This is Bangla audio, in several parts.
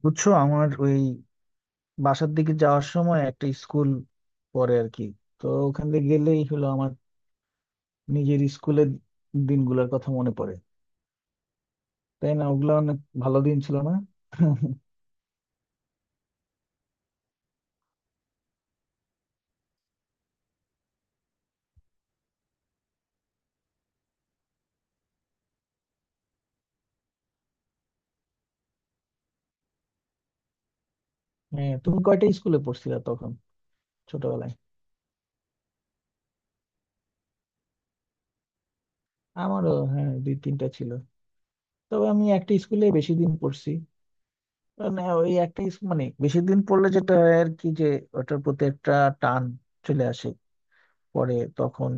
বুঝছো, আমার ওই বাসার দিকে যাওয়ার সময় একটা স্কুল পড়ে আর কি। তো ওখান দিয়ে গেলেই হলো, আমার নিজের স্কুলের দিনগুলোর কথা মনে পড়ে, তাই না? ওগুলো অনেক ভালো দিন ছিল না হ্যাঁ, তুমি কয়টা স্কুলে পড়ছিলা তখন ছোটবেলায়? আমারও হ্যাঁ দুই তিনটা ছিল। তবে আমি একটা স্কুলে বেশি দিন পড়ছি। মানে ওই একটা স্কুল, মানে বেশি দিন পড়লে যেটা হয় আর কি, যে ওটার প্রতি একটা টান চলে আসে। পরে তখন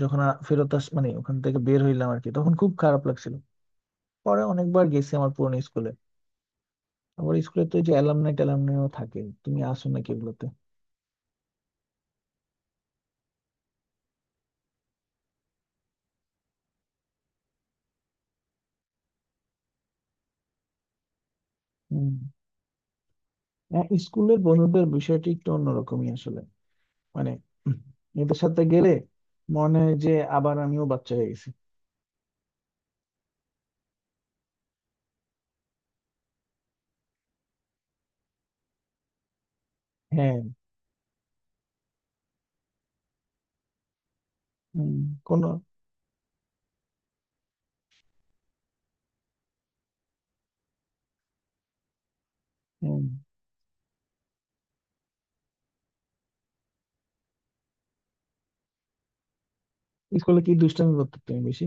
যখন ফেরত আস, মানে ওখান থেকে বের হইলাম আর কি, তখন খুব খারাপ লাগছিল। পরে অনেকবার গেছি আমার পুরনো স্কুলে। আবার স্কুলে তো ওই যে অ্যালামনাই ট্যালামনাইও থাকে, তুমি আসো নাকি এগুলোতে? হম। হ্যাঁ, স্কুলের বন্ধুদের বিষয়টি একটু অন্যরকমই আসলে। মানে উম, এদের সাথে গেলে মনে হয় যে আবার আমিও বাচ্চা হয়ে গেছি। হ্যাঁ। হম। কোনো। হম। স্কুলে কি দুষ্টামি করতে তুমি বেশি?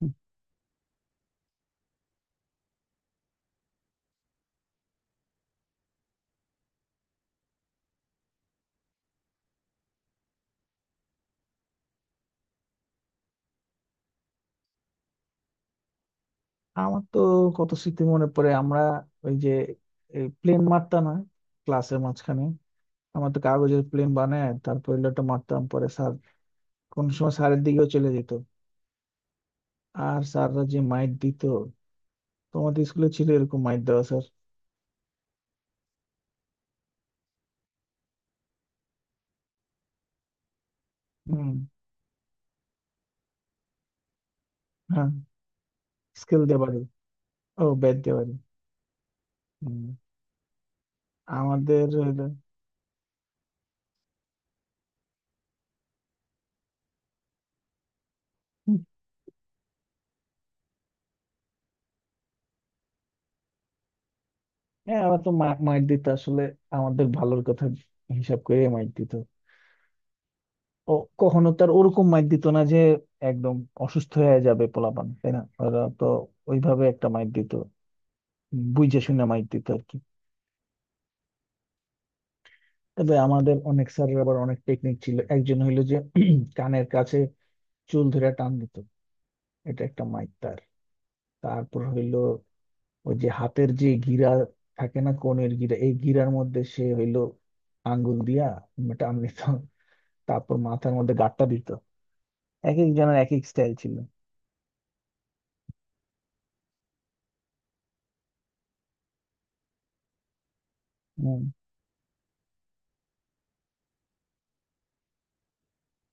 হুম। আমার তো কত স্মৃতি মনে পড়ে। আমরা ওই যে প্লেন মারতাম না ক্লাসের মাঝখানে, আমরা তো কাগজের প্লেন বানায় তারপর ওটা মারতাম, পরে স্যার কোন সময় স্যারের দিকেও চলে যেত। আর স্যাররা যে মাইট দিত, তোমাদের স্কুলে ছিল এরকম মাইট দেওয়া স্যার? হুম। হ্যাঁ, স্কেল দিয়ে বাড়ি। ও, ব্যাট দিয়ে বাড়ি। হুম। আমাদের হুম। হ্যাঁ, আমরা তো মাইট দিত আসলে আমাদের ভালোর কথা হিসাব করে মাইট দিত। ও কখনো তার ওরকম মাইট দিত না যে একদম অসুস্থ হয়ে যাবে পোলাপান, তাই না? ওরা তো ওইভাবে একটা মাইট দিত, বুঝে শুনে মাইট দিত আর কি। তবে আমাদের অনেক স্যারের আবার অনেক টেকনিক ছিল। একজন হইলো যে কানের কাছে চুল ধরে টান দিত, এটা একটা মাইট। তারপর হইলো ওই যে হাতের যে গিরা থাকে না, কনের গিরা, এই গিরার মধ্যে সে হইলো আঙ্গুল দিয়া টান দিত। তারপর মাথার মধ্যে গাঁটটা দিত। এক এক জনের এক এক স্টাইল ছিল। হম।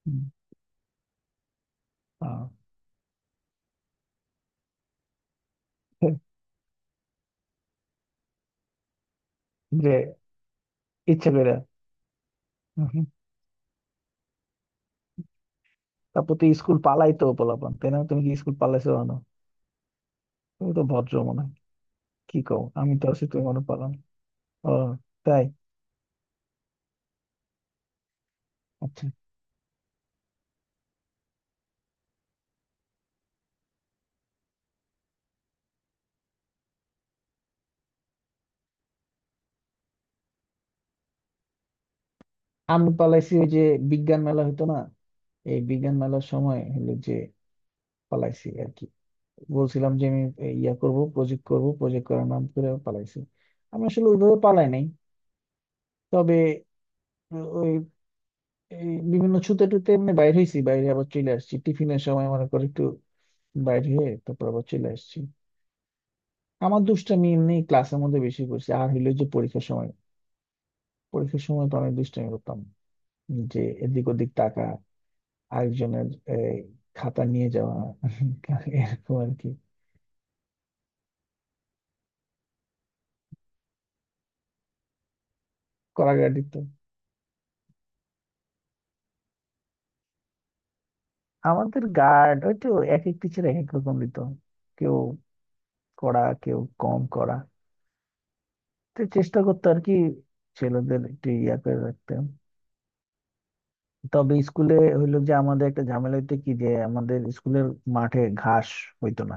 হম। আহ। যে ইচ্ছে করে। হম। তারপর তো স্কুল পালাইতো পোলাপান, তাই না? তুমি কি স্কুল পালাইছো না? তুমি তো ভদ্র মনে হয়। কি কও, আমি তো আছি তুমি মনে পালাম। ও তাই? আচ্ছা। আমি পালাইছি ওই যে বিজ্ঞান মেলা হইতো না, এই বিজ্ঞান মেলার সময় হলো যে পালাইছি আর কি। বলছিলাম যে আমি এই ইয়া করব, প্রজেক্ট করব, প্রজেক্ট করার নাম করে পালাইছি। আমি আসলে ওইভাবে পালাই নাই। তবে ওই এই বিভিন্ন ছুতে টুতে এমনি বাইরে হয়েছি, বাইরে আবার চলে আসছি, টিফিনের সময় মনে করে একটু বাইরে হয়ে তারপর আবার চলে আসছি। আমার দুষ্টামি এমনি ক্লাসের মধ্যে বেশি করছি, আর হইলো যে পরীক্ষার সময়। পরীক্ষার সময় তো অনেক দুষ্টামি করতাম, যে এদিক ওদিক টাকা, আরেকজনের এই, খাতা নিয়ে যাওয়া, এরকম আর কি। করাঘাট দিত। আমাদের গার্ড ওই তো এক এক টিচার এক এক রকম দিত। কেউ কড়া, কেউ কম করা। তো চেষ্টা করতো আর কি ছেলেদের একটু ইয়া করে রাখতে। তবে স্কুলে হইলো যে আমাদের একটা ঝামেলা হইতো কি, যে আমাদের স্কুলের মাঠে ঘাস হইতো না।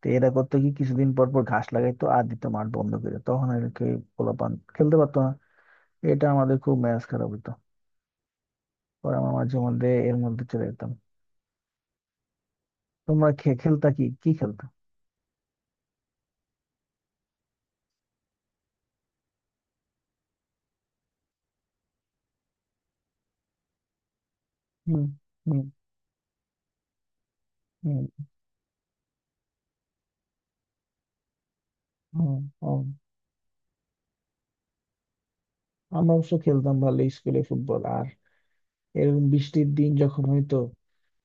তো এরা করতো কি, কিছুদিন পর পর ঘাস লাগাইতো আর দিত মাঠ বন্ধ করে, তখন আর কি পোলাপান খেলতে পারতো না। এটা আমাদের খুব মেজাজ খারাপ হইতো। পরে আমার মাঝে মধ্যে এর মধ্যে চলে যেতাম। তোমরা খেলতা কি কি খেলতা? হুম। হুম। হুম। হুম। হুম। আমরা অবশ্য খেলতাম ভালো স্কুলে ফুটবল। আর এরকম বৃষ্টির দিন যখন হইতো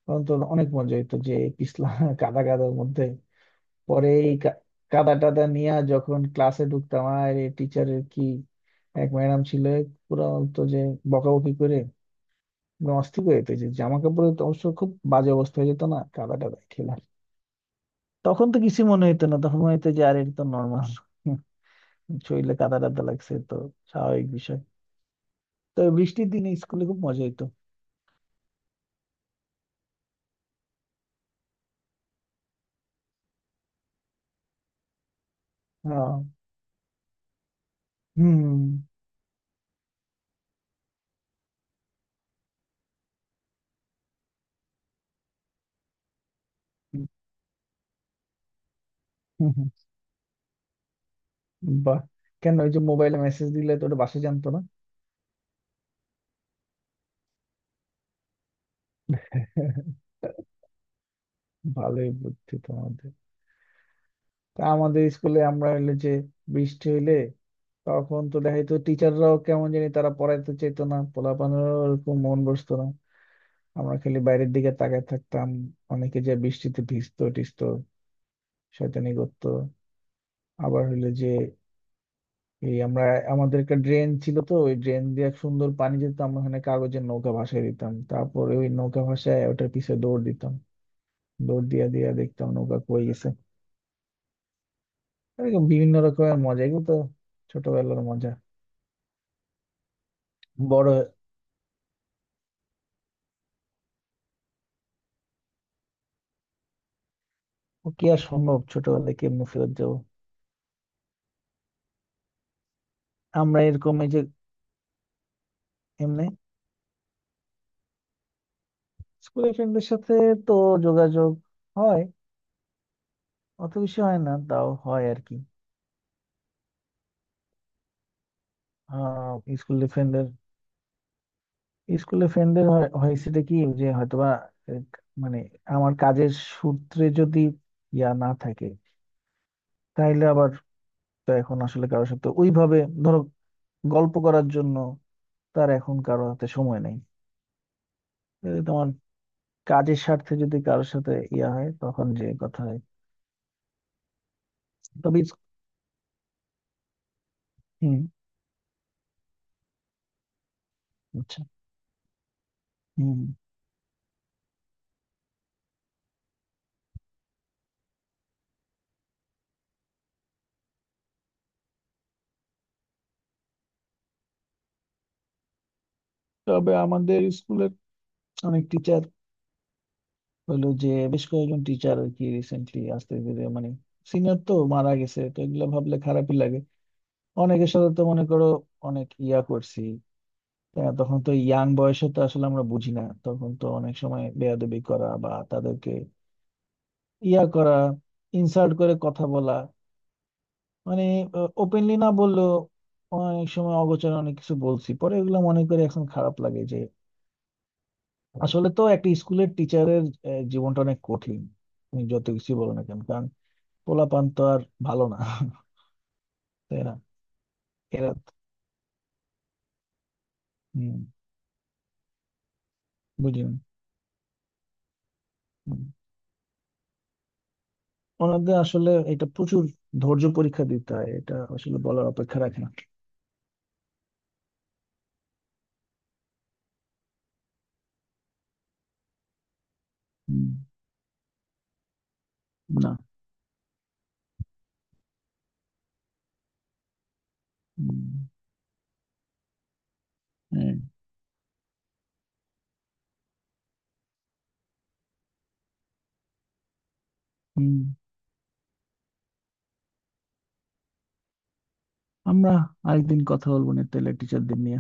তখন তো অনেক মজা হইতো, যে পিছলা কাদা কাদার মধ্যে পরে এই কাদা টাদা নিয়ে যখন ক্লাসে ঢুকতাম, আর টিচারের কি এক ম্যাডাম ছিল পুরো, তো যে বকাবকি করে একদম অস্থির হয়ে যেত, যে জামা কাপড়ে তো অবশ্য খুব বাজে অবস্থা হয়ে যেত না কাদা টাদা খেলা। তখন তো কিছু মনে হইতো না, তখন মনে হইতো যে আর এটা তো নর্মাল শরীরে কাদা টাদা লাগছে তো স্বাভাবিক বিষয়। তো বৃষ্টির দিনে স্কুলে খুব মজা হইতো। হ্যাঁ। হুম। হুম। হুম। হুম। বাহ। কেন ওই যে মোবাইলে মেসেজ দিলে তো ওটা বাসা জানতো না? ভালোই বুদ্ধি তোমাদের। তা আমাদের স্কুলে আমরা হইলো যে বৃষ্টি হইলে তখন তো দেখা যেত টিচাররাও কেমন জানি তারা পড়াইতে চেত না, পোলাপানেরও ওরকম মন বসতো না। আমরা খালি বাইরের দিকে তাকায় থাকতাম। অনেকে যে বৃষ্টিতে ভিজতো টিজতো, শয়তানি করতো। আবার হইলো যে এই আমরা, আমাদের একটা ড্রেন ছিল, তো ওই ড্রেন দিয়ে এক সুন্দর পানি যেত, আমরা ওখানে কাগজের নৌকা ভাসিয়ে দিতাম, তারপরে ওই নৌকা ভাসায় ওটার পিছে দৌড় দিতাম। দৌড় দিয়া দিয়া দেখতাম নৌকা কই গেছে। এরকম বিভিন্ন রকমের মজা, এগুলো তো ছোটবেলার মজা। বড় কি আর সম্ভব ছোটবেলায় কেমনে ফেরত যাবো? আমরা এরকম এই যে এমনি স্কুলের ফ্রেন্ডদের সাথে তো যোগাযোগ হয়, অত বেশি হয় না, তাও হয় আর কি। আহ। স্কুলের ফ্রেন্ডের, স্কুলে ফ্রেন্ডদের হয়েছেটা কি যে হয়তোবা এক মানে আমার কাজের সূত্রে যদি ইয়া না থাকে তাইলে আবার, তো এখন আসলে কারোর সাথে ওইভাবে, ধরো, গল্প করার জন্য তার এখন কারোর হাতে সময় নেই। তাহলে তোমার কাজের স্বার্থে যদি কারোর সাথে ইয়া হয় তখন যে কথা হয়। তবে হুম। আচ্ছা। হুম। তবে আমাদের স্কুলের অনেক টিচার হলো যে, বেশ কয়েকজন টিচার আর কি রিসেন্টলি আস্তে ধীরে, মানে সিনিয়র তো মারা গেছে, তো এগুলো ভাবলে খারাপই লাগে। অনেকের সাথে তো মনে করো অনেক ইয়া করছি। আহ, তখন তো ইয়াং বয়সে তো আসলে আমরা বুঝি না, তখন তো অনেক সময় বেয়াদবি করা বা তাদেরকে ইয়া করা, ইনসাল্ট করে কথা বলা, মানে ওপেনলি না বললেও অনেক সময় অগোচরে অনেক কিছু বলছি, পরে এগুলো মনে করে এখন খারাপ লাগে যে আসলে তো একটা স্কুলের টিচারের জীবনটা অনেক কঠিন। তুমি যত কিছু বলো না কেন, কারণ পোলাপান তো আর ভালো না, তাই না? এরা হম বুঝি না। ওনাদের আসলে এটা প্রচুর ধৈর্য পরীক্ষা দিতে হয়, এটা আসলে বলার অপেক্ষা রাখে না। হুম। না। হুম। হ্যাঁ। হুম। আমরা আরেকদিন কথা বলবো না টেলের টিচারদের নিয়ে।